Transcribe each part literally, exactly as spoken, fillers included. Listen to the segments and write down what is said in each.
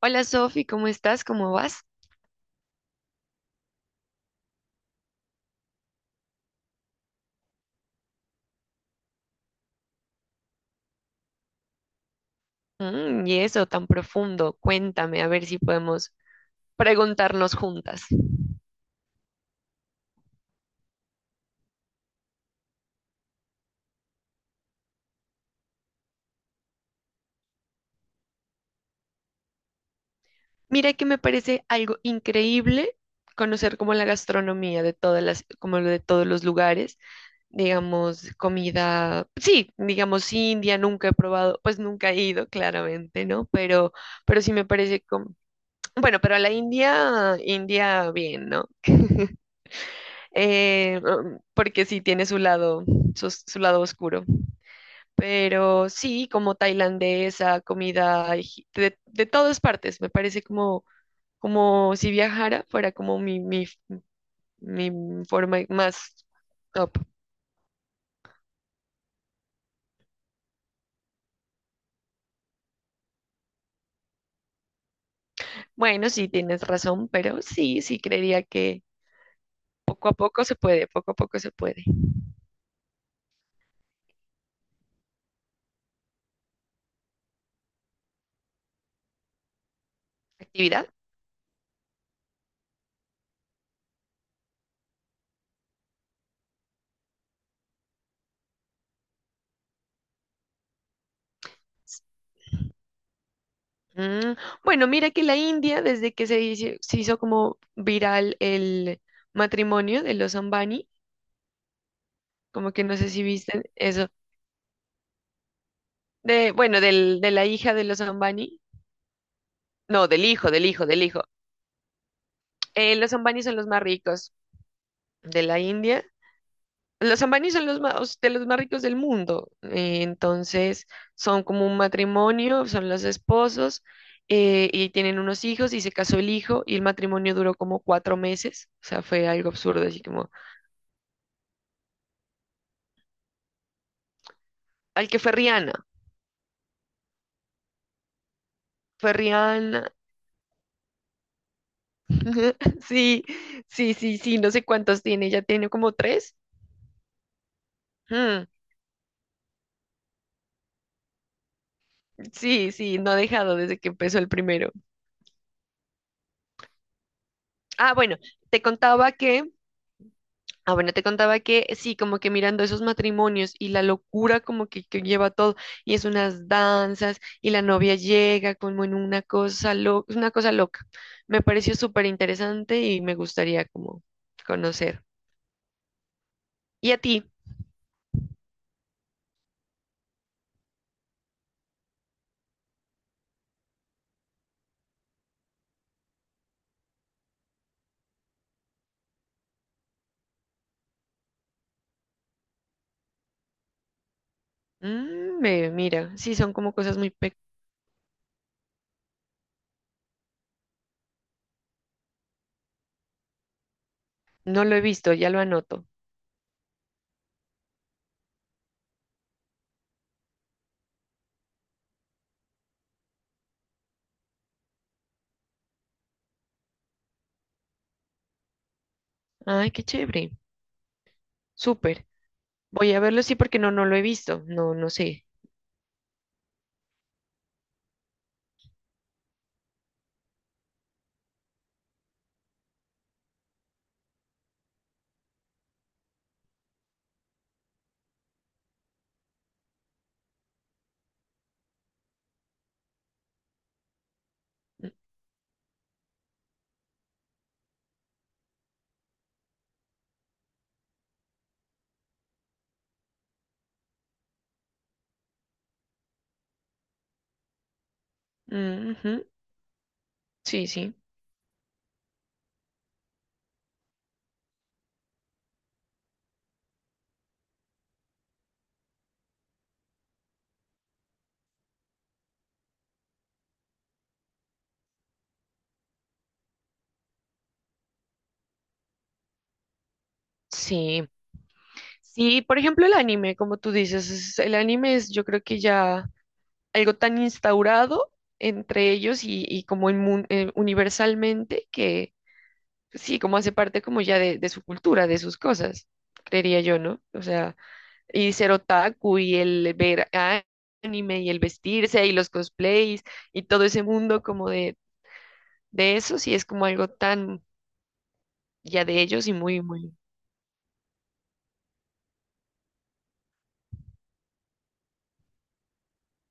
Hola Sofi, ¿cómo estás? ¿Cómo vas? Mm, y eso tan profundo, cuéntame a ver si podemos preguntarnos juntas. Mira que me parece algo increíble conocer como la gastronomía de todas las, como lo de todos los lugares, digamos, comida, sí, digamos sí, India, nunca he probado, pues nunca he ido, claramente, ¿no? Pero, pero sí me parece como, bueno, pero a la India, India bien, ¿no? Eh, um, porque sí tiene su lado, su su lado oscuro. Pero sí, como tailandesa, comida egip- de, de todas partes. Me parece como, como si viajara, fuera como mi, mi, mi forma más top. Bueno, sí, tienes razón, pero sí, sí, creería que poco a poco se puede, poco a poco se puede. ¿Actividad? Mm, bueno, mira que la India, desde que se hizo, se hizo como viral el matrimonio de los Ambani, como que no sé si viste eso, de, bueno, del, de la hija de los Ambani. No, del hijo, del hijo, del hijo. Eh, Los ambanis son los más ricos de la India. Los ambanis son los más, de los más ricos del mundo. Eh, entonces, son como un matrimonio, son los esposos eh, y tienen unos hijos y se casó el hijo y el matrimonio duró como cuatro meses. O sea, fue algo absurdo, así como, al que fue Rihanna. Fue Rihanna. Sí, sí, sí, sí, no sé cuántos tiene, ya tiene como tres. Mm, sí, sí, no ha dejado desde que empezó el primero. Ah, bueno, te contaba que Ah, bueno, te contaba que sí, como que mirando esos matrimonios y la locura como que, que lleva todo, y es unas danzas, y la novia llega como en una cosa loca, una cosa loca. Me pareció súper interesante y me gustaría como conocer. ¿Y a ti? Mm, ve, mira, sí, son como cosas muy pe... No lo he visto, ya lo anoto. Ay, qué chévere, súper. Voy a verlo, sí, porque no, no lo he visto. No, no sé. Mm, ujú, sí, sí. Sí, sí, por ejemplo, el anime, como tú dices, es- el anime es yo creo que ya algo tan instaurado entre ellos y, y como inmun- eh, universalmente que pues sí, como hace parte como ya de, de su cultura, de sus cosas, creería yo, ¿no? O sea, y ser otaku y el ver a- anime y el vestirse y los cosplays y todo ese mundo como de, de eso, sí es como algo tan ya de ellos y muy, muy...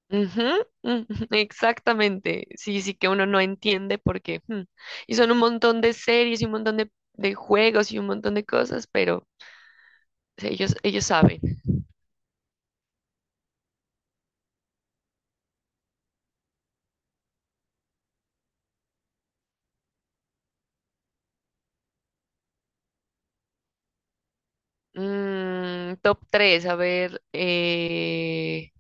Ujú, ujú, exactamente. Sí, sí que uno no entiende porque hmm, y son un montón de series y un montón de, de juegos y un montón de cosas, pero sí, ellos, ellos saben. Mm, top tres a ver, eh,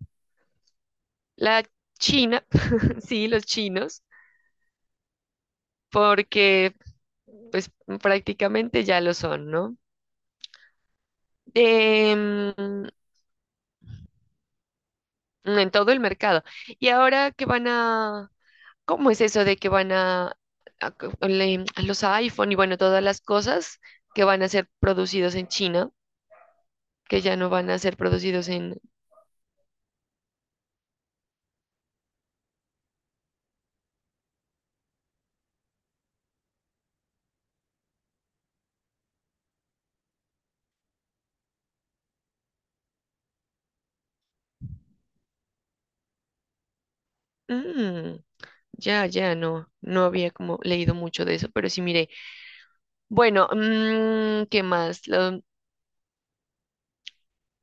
la China, sí, los chinos, porque pues prácticamente ya lo son, ¿no? Em, en todo el mercado. Y ahora que van a, ¿cómo es eso de que van a, a co- le- a los iPhone y bueno, todas las cosas que van a ser producidos en China, que ya no van a ser producidos en... Mm, ya, ya, no, no había como leído mucho de eso, pero sí miré. Bueno, mm, ¿qué más? Lo-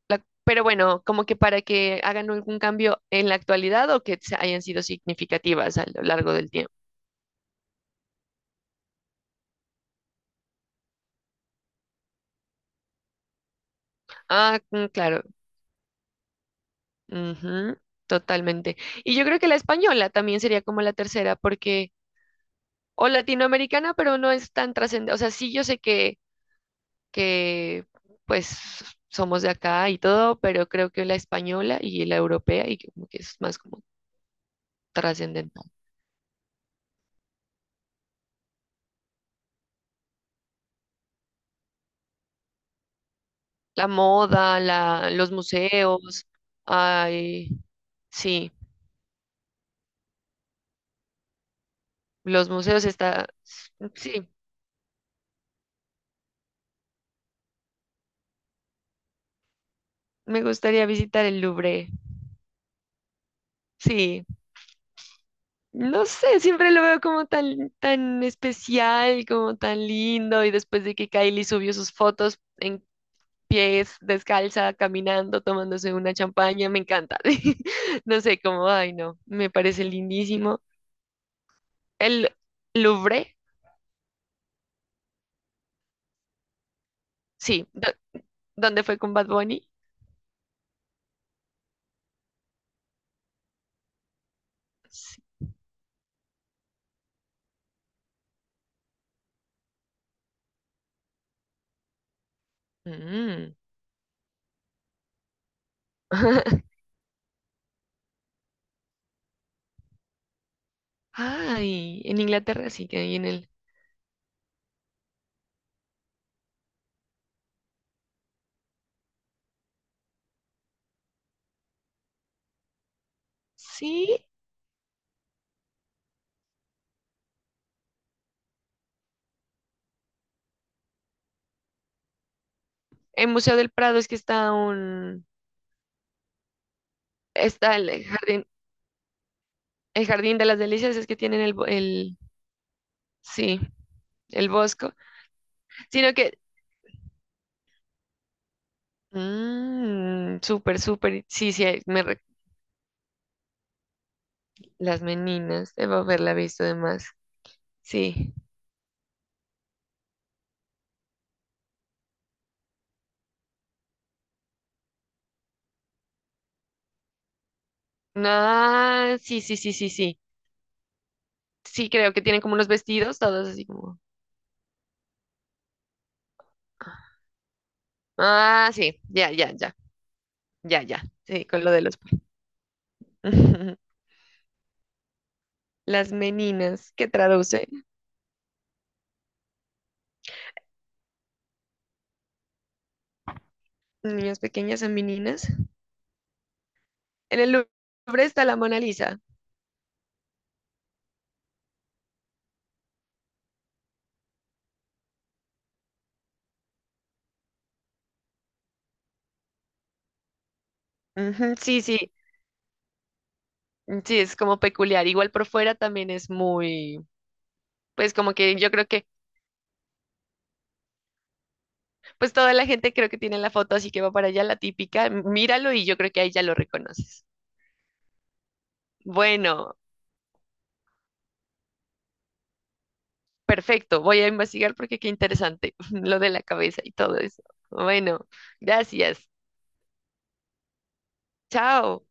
la- pero bueno, como que para que hagan algún cambio en la actualidad o que se- hayan sido significativas a lo largo del tiempo. Ah, mm, claro. Ujú, totalmente. Y yo creo que la española también sería como la tercera, porque, o latinoamericana, pero no es tan trascendente. O sea, sí, yo sé que, que, pues, somos de acá y todo, pero creo que la española y la europea, y como que es más como trascendental. La moda, la, los museos, ay, sí, los museos está, sí, me gustaría visitar el Louvre, sí. No sé, siempre lo veo como tan, tan especial, como tan lindo. Y después de que Kylie subió sus fotos en pies, descalza, caminando, tomándose una champaña, me encanta. No sé, como, ay, no, me parece lindísimo. El Louvre, sí, do- ¿dónde fue con Bad Bunny? Sí. Mm. Ay, en Inglaterra sí que hay en el. Sí, el Museo del Prado es que está un. Está el jardín. El jardín de las delicias es que tienen el, bo- el sí, el bosco, sino que, mm, súper, súper, sí, sí, ahí me, re- las meninas, debo haberla visto además, sí, ah, sí, sí, sí, sí, sí, sí, creo que tienen como unos vestidos, todos así como, ah, sí, ya, ya, ya, ya, ya, sí, con lo de los, las meninas, que traduce, niñas pequeñas a meninas, en el Louvre está la Mona Lisa, ujú, sí, sí, sí, es como peculiar. Igual por fuera también es muy, pues como que yo creo que, pues toda la gente creo que tiene la foto, así que va para allá la típica. M- Míralo y yo creo que ahí ya lo reconoces. Bueno, perfecto. Voy a investigar porque qué interesante lo de la cabeza y todo eso. Bueno, gracias. Chao.